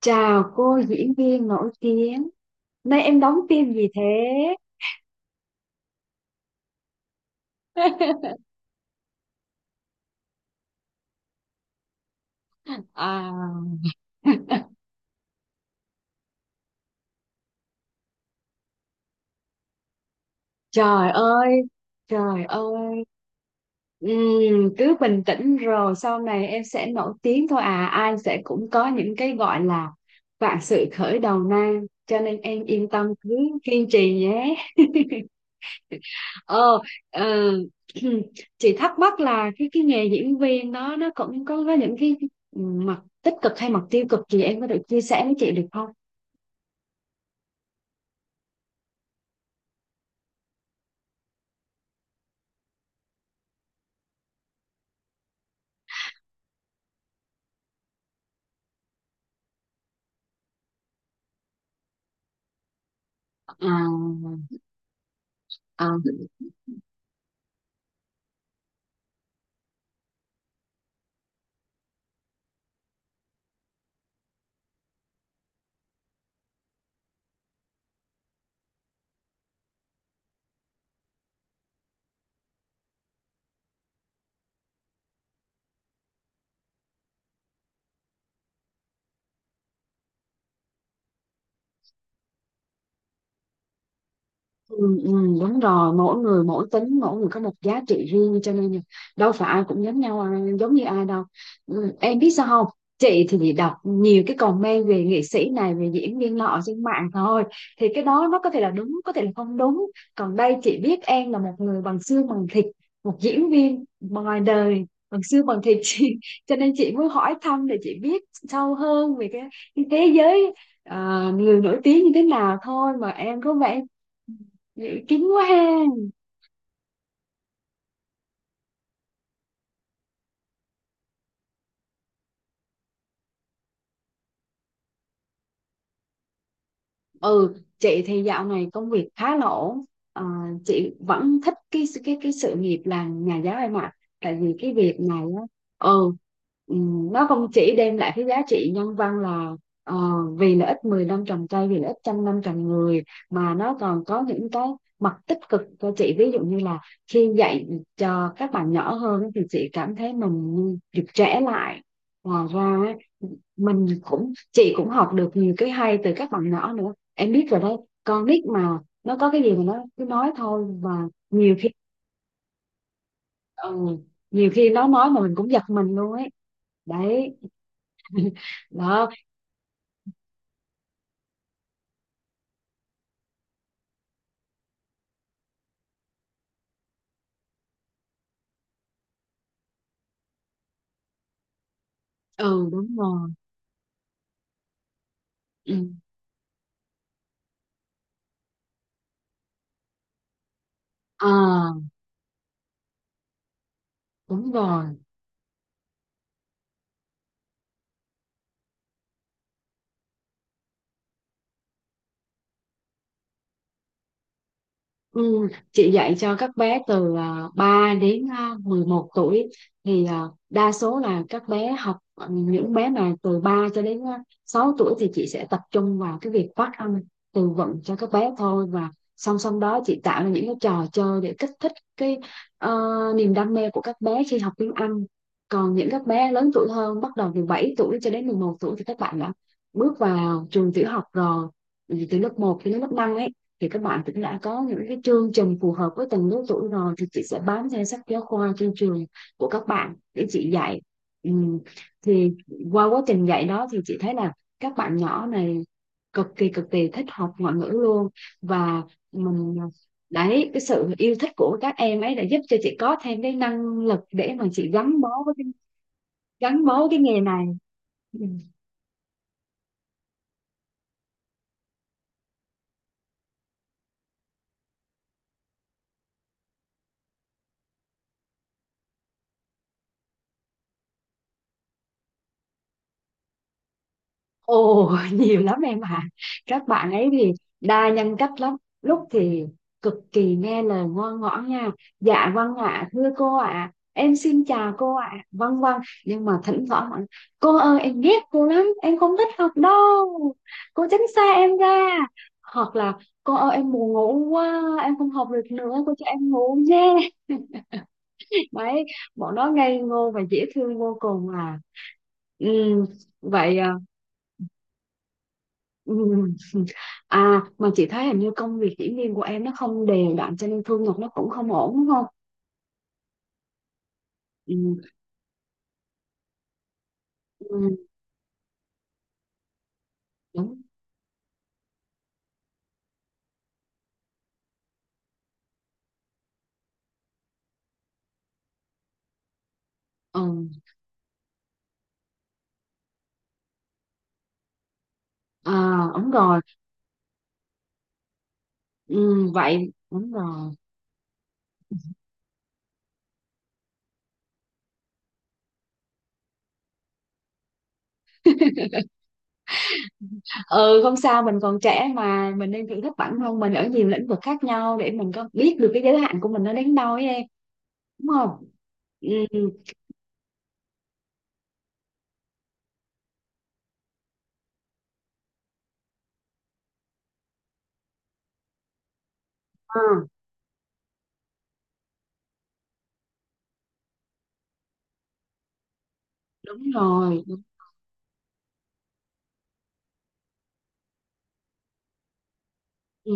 Chào cô diễn viên nổi tiếng. Nay em đóng phim gì thế? À, trời ơi, trời ơi. Cứ bình tĩnh rồi sau này em sẽ nổi tiếng thôi à. Ai sẽ cũng có những cái gọi là vạn sự khởi đầu nan. Cho nên em yên tâm cứ kiên trì nhé. ờ ờ, chị thắc mắc là cái nghề diễn viên đó nó cũng có những cái mặt tích cực hay mặt tiêu cực gì em có thể chia sẻ với chị được không? À, à. Ừ, ừ, đúng rồi, mỗi người mỗi tính, mỗi người có một giá trị riêng, cho nên là đâu phải ai cũng giống nhau, giống như ai đâu. Ừ, em biết sao không, chị thì bị đọc nhiều cái comment về nghệ sĩ này về diễn viên nọ trên mạng thôi, thì cái đó nó có thể là đúng có thể là không đúng. Còn đây chị biết em là một người bằng xương bằng thịt, một diễn viên ngoài đời bằng xương bằng thịt chị, cho nên chị muốn hỏi thăm để chị biết sâu hơn về cái thế giới người nổi tiếng như thế nào thôi, mà em có vẻ kín quá ha. Ừ, chị thì dạo này công việc khá là ổn. Ờ, chị vẫn thích cái sự nghiệp làm nhà giáo em ạ. Tại vì cái việc này á, ừ, nó không chỉ đem lại cái giá trị nhân văn là, ờ, vì lợi ích 10 năm trồng cây, vì lợi ích trăm năm trồng người, mà nó còn có những cái mặt tích cực cho chị. Ví dụ như là khi dạy cho các bạn nhỏ hơn á, thì chị cảm thấy mình như được trẻ lại. Ngoài ra mình cũng chị cũng học được nhiều cái hay từ các bạn nhỏ nữa, em biết rồi đấy, con nít mà, nó có cái gì mà nó cứ nói thôi, mà nhiều khi ừ, nhiều khi nó nói mà mình cũng giật mình luôn ấy đấy. Đó. Ừ, đúng rồi. Ừ. À, đúng rồi. Ừ, chị dạy cho các bé từ 3 đến 11 tuổi, thì đa số là các bé học, những bé mà từ 3 cho đến 6 tuổi thì chị sẽ tập trung vào cái việc phát âm, từ vựng cho các bé thôi, và song song đó chị tạo ra những cái trò chơi để kích thích cái, ờ, niềm đam mê của các bé khi học tiếng Anh. Còn những các bé lớn tuổi hơn bắt đầu từ 7 tuổi cho đến 11 tuổi thì các bạn đã bước vào trường tiểu học rồi. Ừ, từ lớp 1 đến lớp 5 ấy, thì các bạn cũng đã có những cái chương trình phù hợp với từng lứa tuổi rồi, thì chị sẽ bám theo sách giáo khoa trên trường của các bạn để chị dạy. Ừ. Thì qua quá trình dạy đó thì chị thấy là các bạn nhỏ này cực kỳ thích học ngoại ngữ luôn, và mình, đấy, cái sự yêu thích của các em ấy đã giúp cho chị có thêm cái năng lực để mà chị gắn bó với cái, gắn bó cái nghề này. Ừ. Ồ, nhiều lắm em ạ. Các bạn ấy thì đa nhân cách lắm. Lúc thì cực kỳ nghe lời ngoan ngoãn nha: "Dạ vâng ạ thưa cô ạ. Em xin chào cô ạ. Vâng vâng." Nhưng mà thỉnh thoảng bạn, "Cô ơi em ghét cô lắm, em không thích học đâu, cô tránh xa em ra." Hoặc là, "Cô ơi em buồn ngủ quá, em không học được nữa, cô cho em ngủ nhé." Đấy, bọn nó ngây ngô và dễ thương vô cùng à. Ừ, vậy à. Ừm. À, mà chị thấy hình như công việc diễn viên của em nó không đều đặn cho nên thu nhập nó cũng không ổn đúng không? Ừ, ừ, đúng. Ừ. À, đúng rồi. Ừ, vậy đúng rồi. Ừ, không sao, mình còn trẻ mà, mình nên thử thách bản thân mình ở nhiều lĩnh vực khác nhau để mình có biết được cái giới hạn của mình nó đến đâu ấy em, đúng không? Ừ, à, đúng rồi. Ừ.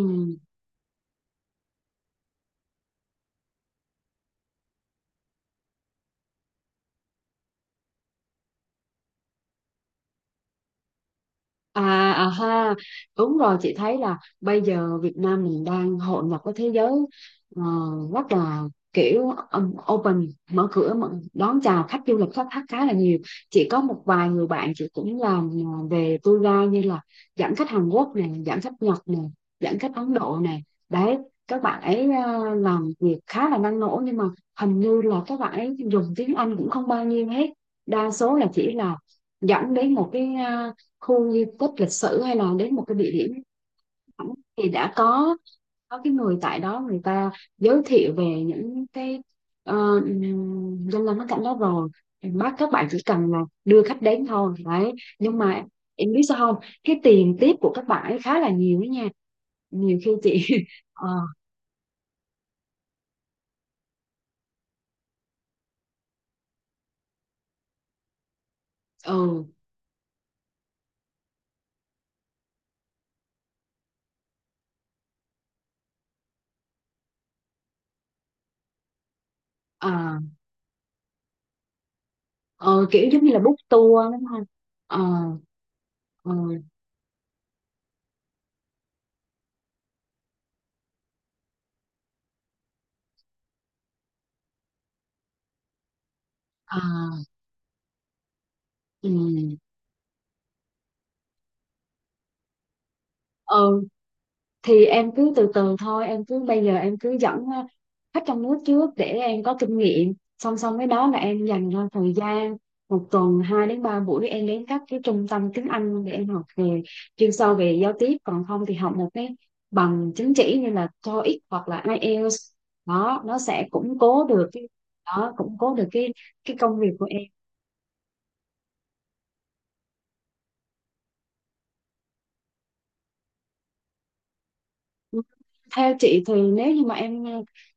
À, à ha, đúng rồi, chị thấy là bây giờ Việt Nam mình đang hội nhập với thế giới ờ, rất là kiểu open, mở cửa mở, đón chào khách du lịch, khách, khách khá là nhiều. Chị có một vài người bạn chị cũng làm về tour guide, như là dẫn khách Hàn Quốc này, dẫn khách Nhật này, dẫn khách Ấn Độ này, đấy, các bạn ấy làm việc khá là năng nổ nhưng mà hình như là các bạn ấy dùng tiếng Anh cũng không bao nhiêu hết, đa số là chỉ là dẫn đến một cái khu di tích lịch sử hay là đến một cái địa điểm thẳng, thì đã có cái người tại đó người ta giới thiệu về những cái ờ, danh lam thắng cảnh đó rồi, bác các bạn chỉ cần là đưa khách đến thôi đấy. Nhưng mà em biết sao không, cái tiền tiếp của các bạn ấy khá là nhiều đó nha, nhiều khi chị. ờ ừ ờ ờ, Kiểu giống như là book tour đúng không? ờ ờ ờ ừ ừ. Thì em cứ từ từ thôi, em cứ bây giờ em cứ dẫn khách trong nước trước để em có kinh nghiệm, song song với đó là em dành ra thời gian một tuần 2 đến 3 buổi em đến các cái trung tâm tiếng Anh để em học về chuyên sâu về giao tiếp, còn không thì học một cái bằng chứng chỉ như là TOEIC hoặc là IELTS, đó nó sẽ củng cố được cái, đó củng cố được cái công việc của. Theo chị thì nếu như mà em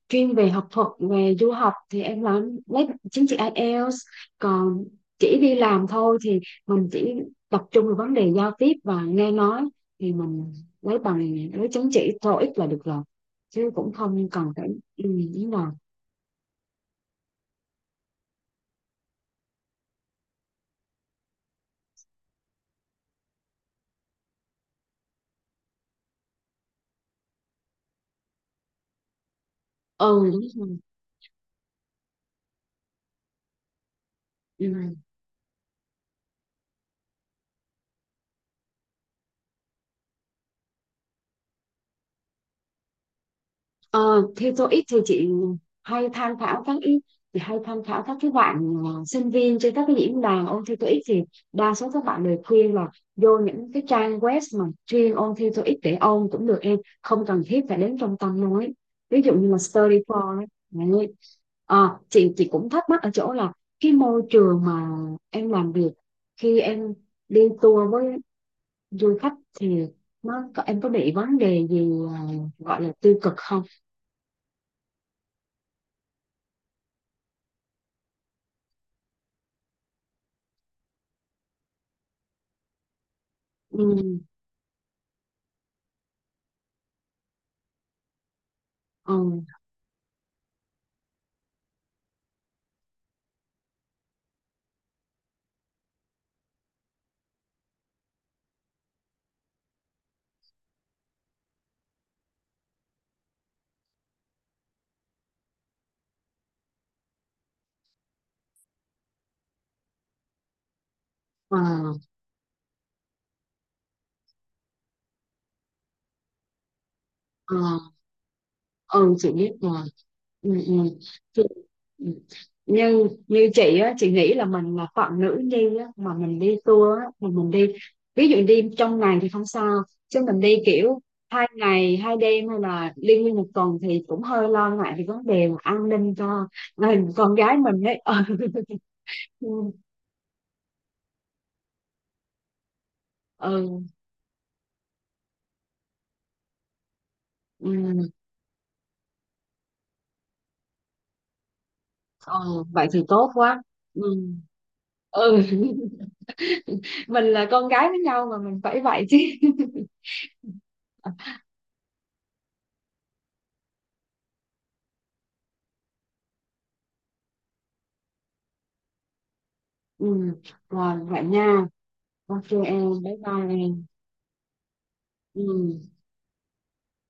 chuyên về học thuật về du học thì em làm lấy chứng chỉ IELTS, còn chỉ đi làm thôi thì mình chỉ tập trung vào vấn đề giao tiếp và nghe nói thì mình lấy bằng lấy chứng chỉ TOEIC là được rồi, chứ cũng không cần phải. Ừ, đúng rồi. Ừ đúng rồi. Ừ. Ờ, Thế tôi ít thì chị hay tham khảo các ý, thì hay tham khảo các cái bạn sinh viên trên các cái diễn đàn ôn thi TOEIC thì đa số các bạn đều khuyên là vô những cái trang web mà chuyên ôn thi TOEIC để ôn cũng được, em không cần thiết phải đến trung tâm nói, ví dụ như là Study for ấy. Đấy. Chị cũng thắc mắc ở chỗ là cái môi trường mà em làm việc khi em đi tour với du khách thì nó có em có bị vấn đề gì gọi là tiêu cực không? Ừ. Ờ, ờ, ờ, ừ, chị biết rồi. Ừ, ừ. Chị, ừ. Như như chị á, chị nghĩ là mình là phận nữ đi á, mà mình đi tour á, mà mình đi ví dụ đi trong ngày thì không sao, chứ mình đi kiểu 2 ngày 2 đêm hay là đi nguyên một tuần thì cũng hơi lo ngại về vấn đề mà an ninh cho mình, con gái mình ấy. Ừ, ừ, ừ, ừ. Vậy thì tốt quá. Ừ. Ừ. Mình là con gái với nhau mà mình phải vậy chứ. Ừ, rồi vậy nha, ok em bye bye em. Ừ.